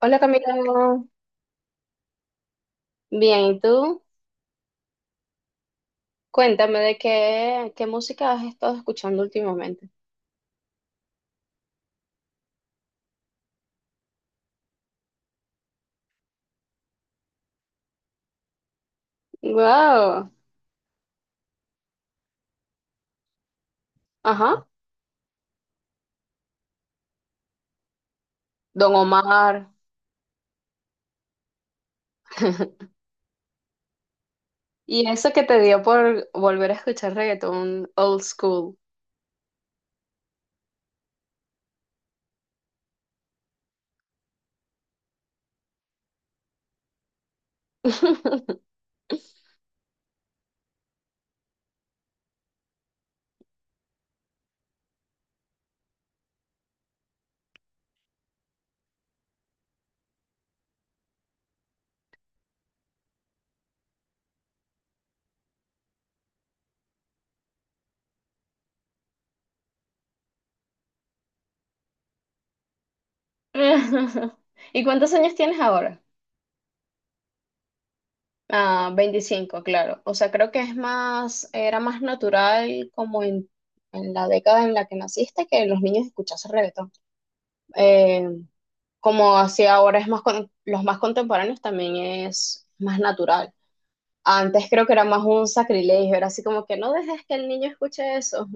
Hola Camilo, bien, ¿y tú? Cuéntame qué música has estado escuchando últimamente. Wow, ajá, Don Omar. Y eso que te dio por volver a escuchar reggaetón old school. ¿Y cuántos años tienes ahora? Ah, 25, claro. O sea, creo que era más natural como en la década en la que naciste que los niños escuchasen reggaetón. Eh, Como así ahora los más contemporáneos también es más natural. Antes creo que era más un sacrilegio, era así como que no dejes que el niño escuche eso.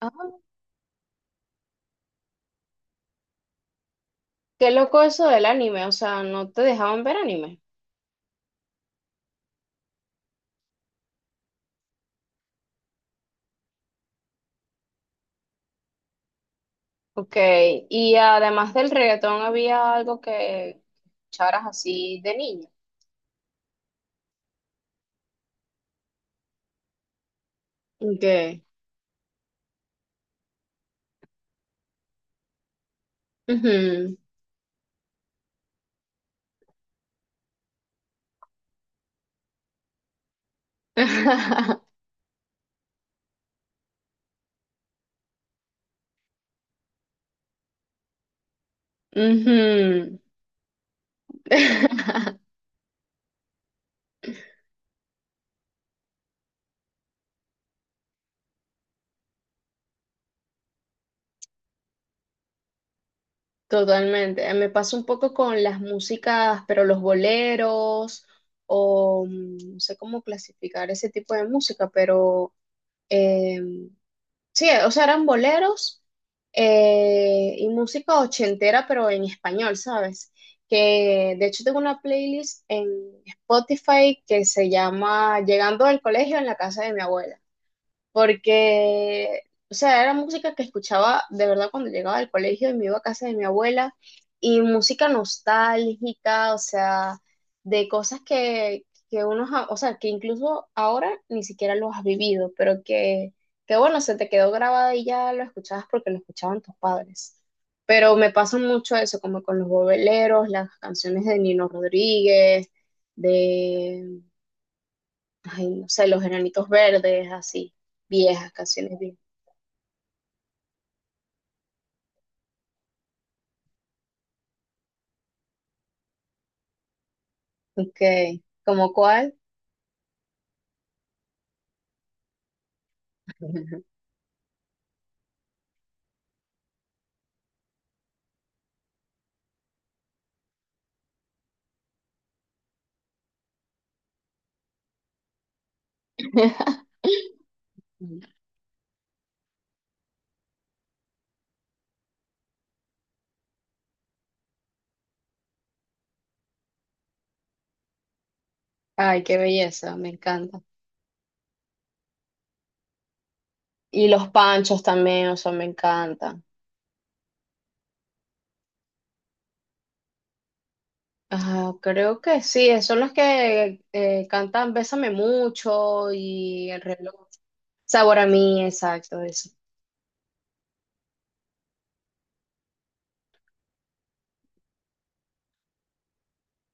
Ah, qué loco eso del anime, o sea, no te dejaban ver anime. Ok, y además del reggaetón había algo que escucharas así de niño. Ok. Ujú. Ujú. Totalmente. Me pasa un poco con las músicas, pero los boleros, o no sé cómo clasificar ese tipo de música, pero eh, sí, o sea, eran boleros y música ochentera, pero en español, ¿sabes? Que de hecho tengo una playlist en Spotify que se llama Llegando al Colegio en la Casa de mi Abuela, porque, o sea, era música que escuchaba de verdad cuando llegaba del colegio y me iba a casa de mi abuela, y música nostálgica, o sea, de cosas que uno, o sea, que incluso ahora ni siquiera los has vivido, pero que bueno, se te quedó grabada y ya lo escuchabas porque lo escuchaban tus padres. Pero me pasa mucho eso, como con los bobeleros, las canciones de Nino Rodríguez, ay, no sé, los Enanitos Verdes, así, viejas, canciones viejas. Ok, ¿como cuál? Ay, qué belleza, me encanta. Y los Panchos también, o sea, me encantan. Ah, creo que sí, esos son los que cantan Bésame Mucho y El Reloj. Sabor a Mí, exacto, eso.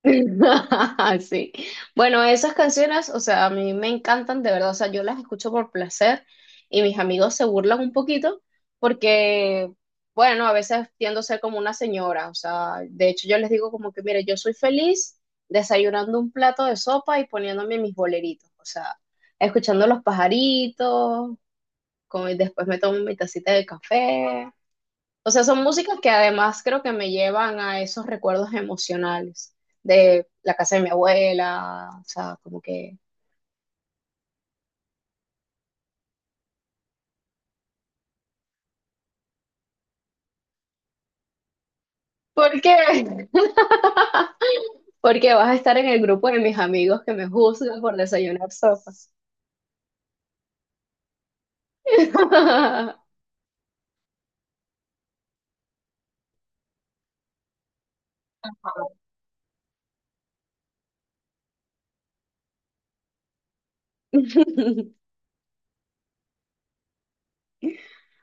Sí. Bueno, esas canciones, o sea, a mí me encantan de verdad, o sea, yo las escucho por placer y mis amigos se burlan un poquito, porque, bueno, a veces tiendo a ser como una señora. O sea, de hecho yo les digo como que, mire, yo soy feliz desayunando un plato de sopa y poniéndome mis boleritos, o sea, escuchando los pajaritos, como, y después me tomo mi tacita de café. O sea, son músicas que además creo que me llevan a esos recuerdos emocionales de la casa de mi abuela, o sea, como que... ¿Por qué? Porque vas a estar en el grupo de mis amigos que me juzgan por desayunar sopas.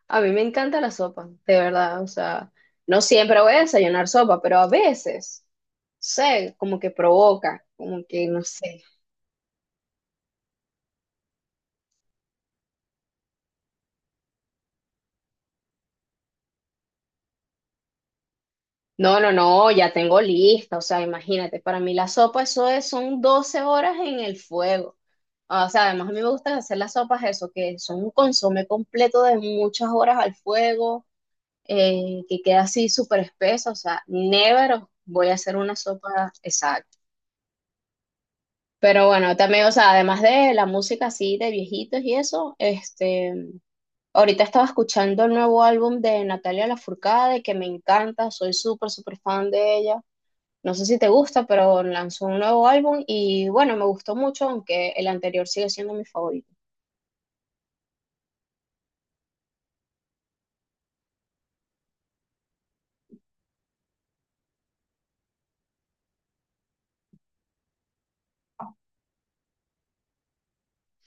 A mí me encanta la sopa, de verdad. O sea, no siempre voy a desayunar sopa, pero a veces, no sé, como que provoca, como que no sé. No, no, no, ya tengo lista, o sea, imagínate, para mí la sopa eso es, son 12 horas en el fuego. Ah, o sea, además a mí me gusta hacer las sopas eso, que son un consomé completo de muchas horas al fuego, que queda así súper espeso, o sea, never voy a hacer una sopa exacta. Pero bueno, también, o sea, además de la música así de viejitos y eso, este, ahorita estaba escuchando el nuevo álbum de Natalia Lafourcade, que me encanta, soy súper, súper fan de ella. No sé si te gusta, pero lanzó un nuevo álbum y bueno, me gustó mucho, aunque el anterior sigue siendo mi favorito.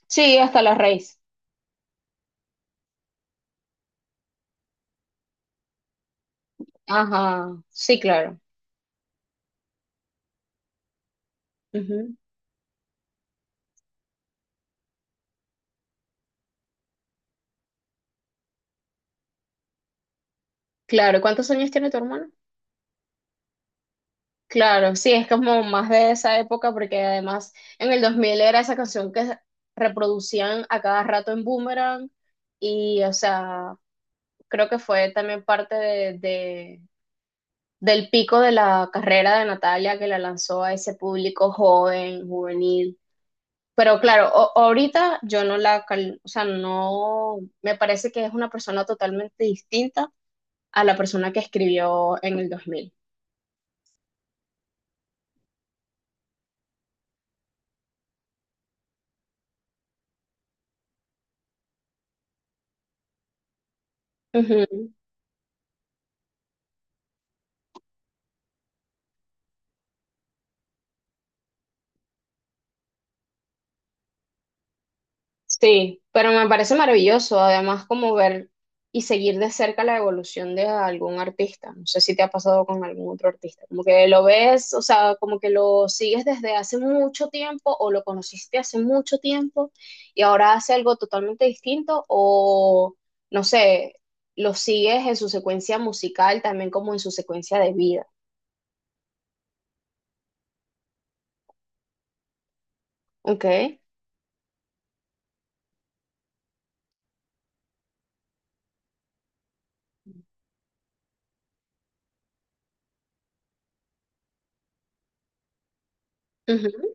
Sí, Hasta la Raíz. Ajá, sí, claro. Ujú. Claro, ¿cuántos años tiene tu hermano? Claro, sí, es como más de esa época, porque además en el 2000 era esa canción que reproducían a cada rato en Boomerang. Y o sea, creo que fue también parte del pico de la carrera de Natalia, que la lanzó a ese público joven, juvenil. Pero claro, ahorita yo no la, cal- o sea, no, me parece que es una persona totalmente distinta a la persona que escribió en el 2000. Ujú. Sí, pero me parece maravilloso, además como ver y seguir de cerca la evolución de algún artista. No sé si te ha pasado con algún otro artista, como que lo ves, o sea, como que lo sigues desde hace mucho tiempo o lo conociste hace mucho tiempo y ahora hace algo totalmente distinto o, no sé, lo sigues en su secuencia musical, también como en su secuencia de vida. Ok. Ujú.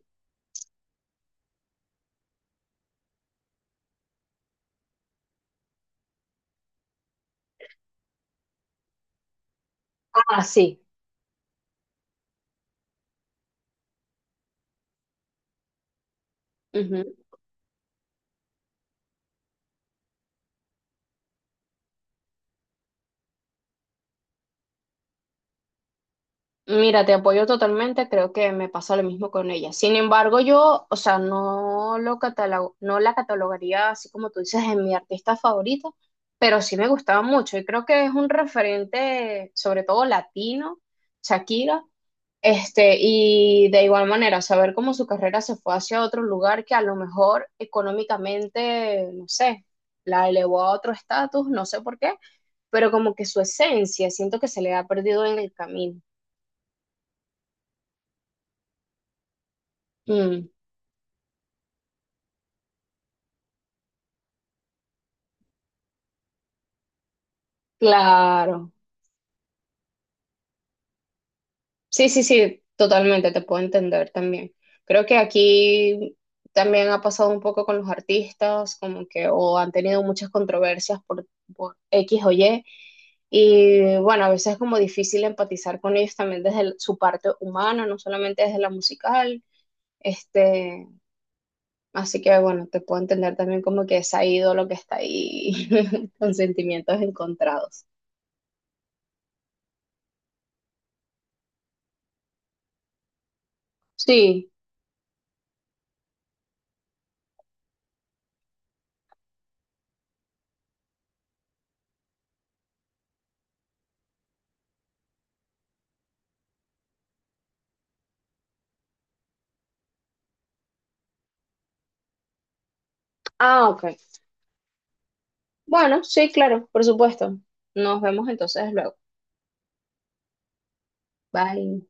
Ah, sí. Mira, te apoyo totalmente, creo que me pasa lo mismo con ella. Sin embargo, yo, o sea, no la catalogaría así como tú dices en mi artista favorita, pero sí me gustaba mucho y creo que es un referente, sobre todo latino, Shakira, este, y de igual manera, saber cómo su carrera se fue hacia otro lugar que a lo mejor económicamente, no sé, la elevó a otro estatus, no sé por qué, pero como que su esencia, siento que se le ha perdido en el camino. Mm. Claro, sí, sí, sí, totalmente, te puedo entender también. Creo que aquí también ha pasado un poco con los artistas, como que o han tenido muchas controversias por, X o Y, y bueno, a veces es como difícil empatizar con ellos también desde su parte humana, no solamente desde la musical, este, así que bueno, te puedo entender también como que esa ídolo que está ahí con sentimientos encontrados. Sí, ah, ok. Bueno, sí, claro, por supuesto. Nos vemos entonces luego. Bye.